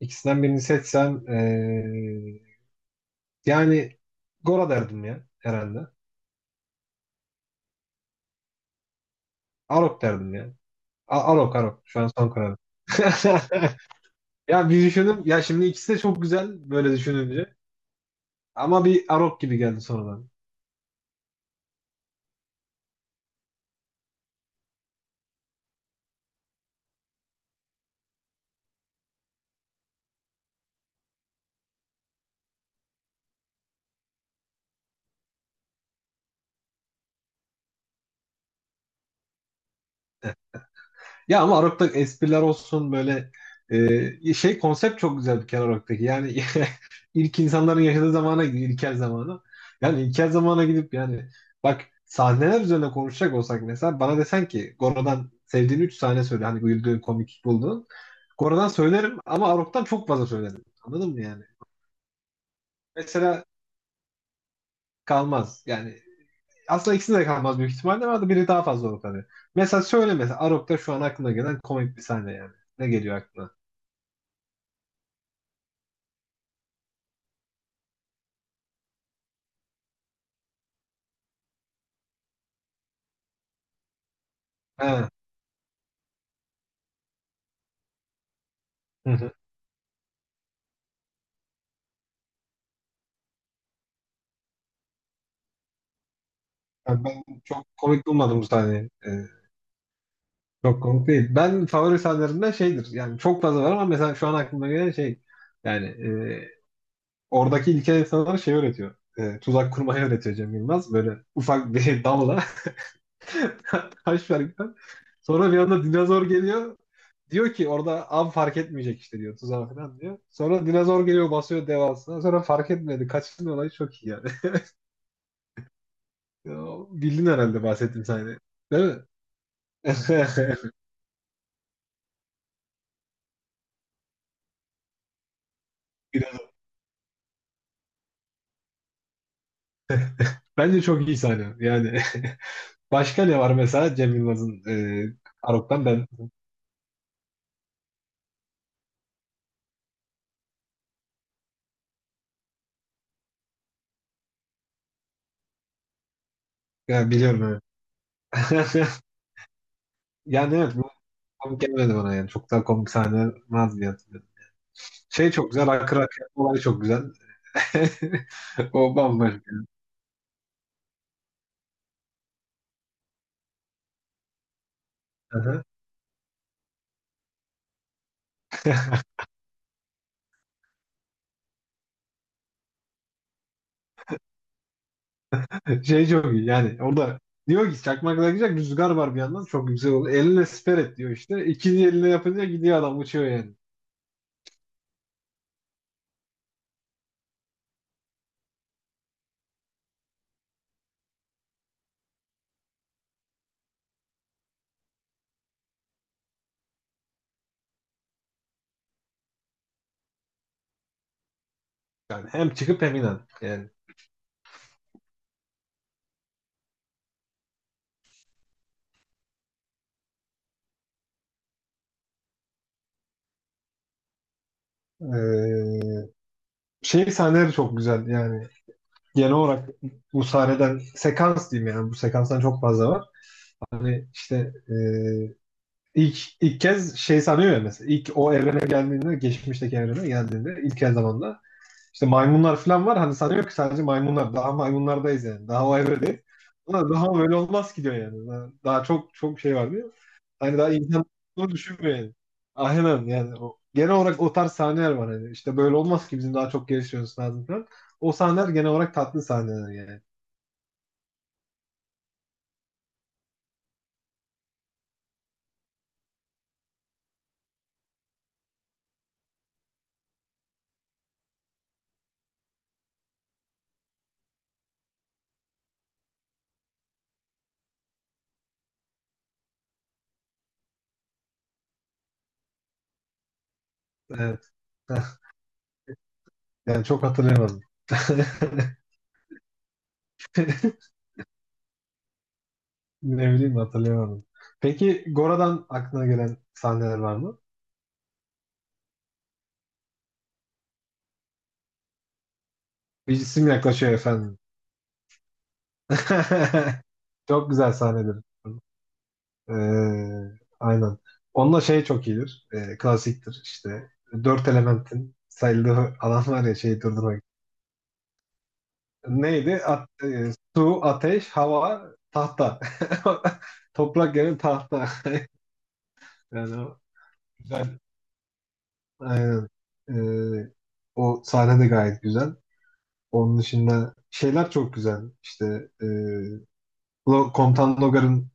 İkisinden birini seçsem yani Gora derdim ya herhalde. Arok derdim ya. Arok şu an son kararım. Ya bir düşündüm. Ya şimdi ikisi de çok güzel böyle düşününce. Ama bir Arok gibi geldi sonradan. Ya ama Arok'ta espriler olsun böyle şey konsept çok güzel bir kere Arok'taki. Yani ilk insanların yaşadığı zamana gidiyor, ilkel zamana. Yani ilkel zamana gidip yani bak sahneler üzerine konuşacak olsak mesela bana desen ki Goro'dan sevdiğin 3 sahne söyle hani güldüğün komik bulduğun. Goro'dan söylerim ama Arok'tan çok fazla söylerim. Anladın mı yani? Mesela kalmaz. Yani aslında ikisi de kalmaz büyük ihtimalle ama biri daha fazla olur tabii. Mesela söyle mesela Arok'ta şu an aklına gelen komik bir sahne yani. Ne geliyor aklına? He. Hı hı. Yani ben çok komik bulmadım bu sahneyi. Çok komik değil. Ben favori sahnelerimden şeydir. Yani çok fazla var ama mesela şu an aklıma gelen şey yani e, oradaki ilkel insanlara şey öğretiyor. Tuzak kurmayı öğretiyor Cem Yılmaz. Böyle ufak bir dalla taş var gibi. Sonra bir anda dinozor geliyor. Diyor ki orada av fark etmeyecek işte diyor tuzağa falan diyor. Sonra dinozor geliyor basıyor devasına. Sonra fark etmedi. Kaçtın olayı çok iyi yani. Ya, bildin herhalde bahsettiğim sahneyi. Değil mi? Bence çok iyi sahne. Yani başka ne var mesela Cem Yılmaz'ın Karok'tan ben yani biliyorum evet. Yani evet bu komik gelmedi bana yani. Çok daha komik sahne vardı diye hatırlıyorum. Şey çok güzel. Akır Akır olay çok güzel. O bambaşka. Aha. Şey çok iyi yani. Orada diyor ki çakmakla gidecek rüzgar var bir yandan. Çok güzel oldu. Eline siper et diyor işte. İkinci eline yapınca gidiyor adam uçuyor yani. Yani hem çıkıp hem inen. Yani. Ee, şey sahneleri çok güzel yani. Genel olarak bu sahneden sekans diyeyim yani bu sekanstan çok fazla var. Hani işte ilk kez şey sanıyor ya mesela ilk o evrene geldiğinde geçmişteki evrene geldiğinde ilk el zamanda işte maymunlar falan var hani sanıyor ki sadece maymunlar daha maymunlardayız yani daha o evredeyiz. Ama daha böyle olmaz ki diyor yani. Daha çok çok şey var diyor. Hani daha insan olduğunu düşünmüyor yani. Aynen yani o, genel olarak o tarz sahneler var hani. İşte böyle olmaz ki bizim daha çok gelişmemiz lazım falan. O sahneler genel olarak tatlı sahneler yani. Evet. Yani çok hatırlayamadım. Ne bileyim hatırlayamadım. Peki Gora'dan aklına gelen sahneler var mı? Bir isim yaklaşıyor efendim. Çok güzel sahnedir. Ee, aynen. Onunla şey çok iyidir. Klasiktir işte. Dört elementin sayıldığı alan var ya şeyi durdurmak. Neydi? Su, ateş, hava, tahta. Toprak yani tahta. Yani o güzel. Aynen. Ee, o sahne de gayet güzel. Onun dışında şeyler çok güzel. İşte Komutan Logar'ın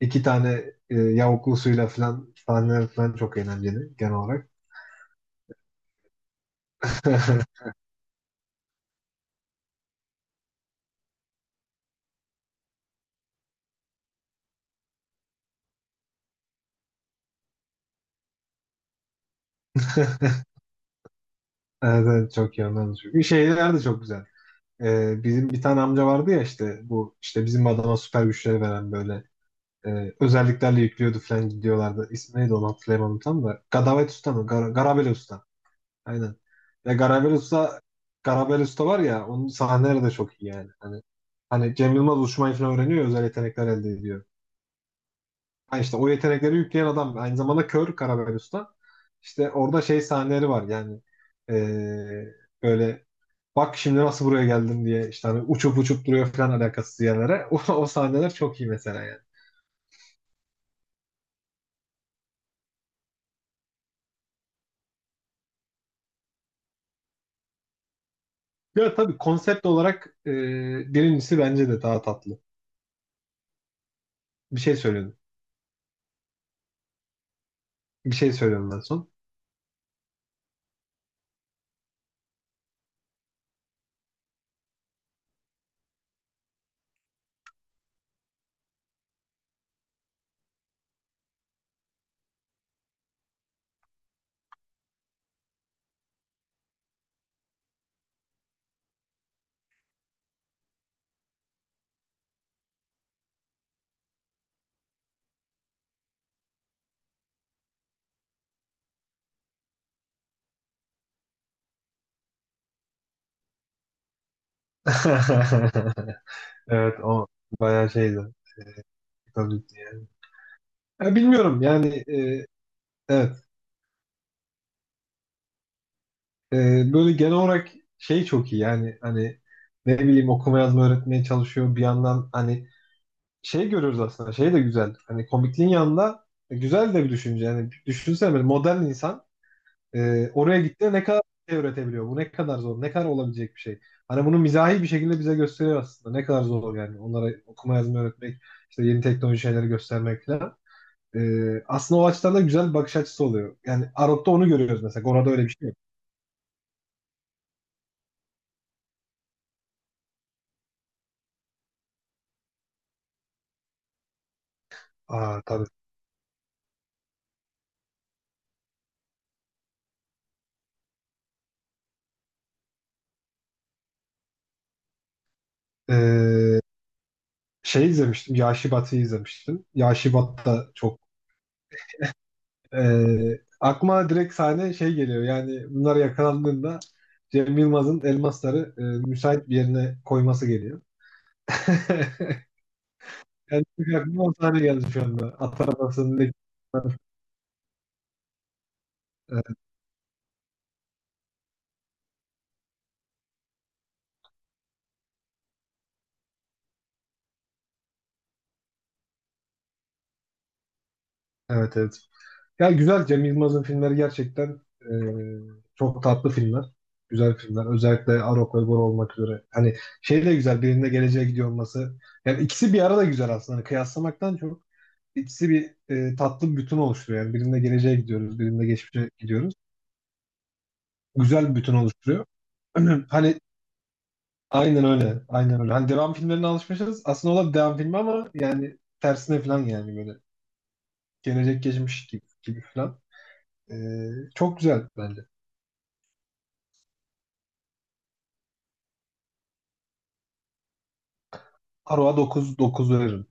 iki tane yavuklusuyla falan sahneler falan çok eğlenceli genel olarak. Evet, evet, çok iyi ondan da çok iyi. Şeyler de çok güzel. Bizim bir tane amca vardı ya işte bu işte bizim adama süper güçleri veren böyle özelliklerle yüklüyordu falan gidiyorlardı. İsmi neydi onu hatırlayamadım tam da. Gadavet Usta mı? Garabeli Usta. Aynen. Ya Garabel Usta var ya onun sahneleri de çok iyi yani. Hani Cem Yılmaz uçmayı falan öğreniyor özel yetenekler elde ediyor. Ha işte o yetenekleri yükleyen adam aynı zamanda kör Garabel Usta. İşte orada şey sahneleri var yani eee, böyle bak şimdi nasıl buraya geldim diye işte hani uçup uçup duruyor falan alakasız yerlere. O sahneler çok iyi mesela yani. Ya tabii konsept olarak birincisi bence de daha tatlı. Bir şey söylüyorum. Bir şey söylüyorum ben son. Evet o bayağı şeydi. Komikti yani. Ya bilmiyorum yani evet. E, böyle genel olarak şey çok iyi yani hani ne bileyim okuma yazma öğretmeye çalışıyor bir yandan hani şey görüyoruz aslında şey de güzel hani komikliğin yanında güzel de bir düşünce yani düşünsene böyle modern insan oraya gittiğinde ne kadar şey öğretebiliyor bu ne kadar zor ne kadar olabilecek bir şey hani bunu mizahi bir şekilde bize gösteriyor aslında ne kadar zor yani onlara okuma yazma öğretmek işte yeni teknoloji şeyleri göstermek falan. Aslında o açıdan da güzel bir bakış açısı oluyor. Yani Arok'ta onu görüyoruz mesela. Gora'da öyle bir şey yok. Aa tabii. Ee, şey izlemiştim. Yaşı izlemiştim. Yaşı da çok. Aklıma direkt sahne şey geliyor. Yani bunlar yakalandığında Cem Yılmaz'ın elmasları müsait bir yerine koyması geliyor. Yani çünkü aklıma o sahne geldi şu anda. At arabasındaki. Evet evet. Ya güzel Cem Yılmaz'ın filmleri gerçekten çok tatlı filmler. Güzel filmler. Özellikle Arok ve Bor olmak üzere. Hani şey de güzel birinde geleceğe gidiyor olması. Yani ikisi bir arada güzel aslında. Hani kıyaslamaktan çok ikisi bir tatlı bir bütün oluşturuyor. Yani birinde geleceğe gidiyoruz, birinde geçmişe gidiyoruz. Güzel bir bütün oluşturuyor. Hani aynen öyle. Aynen öyle. Hani devam filmlerine alışmışız. Aslında o da bir devam filmi ama yani tersine falan yani böyle. Gelecek geçmiş gibi, gibi falan. E, çok güzel bence. Aroa dokuz veririm.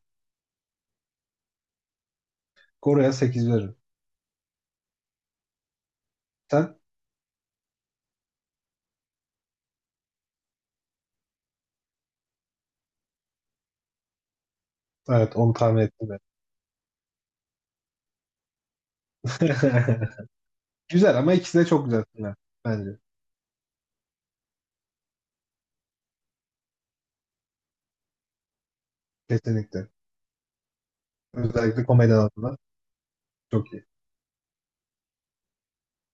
Gora'ya 8 veririm. Sen? Evet onu tahmin ettim ben. Güzel ama ikisi de çok güzel filmler bence. Kesinlikle. Özellikle komedi alanında çok iyi.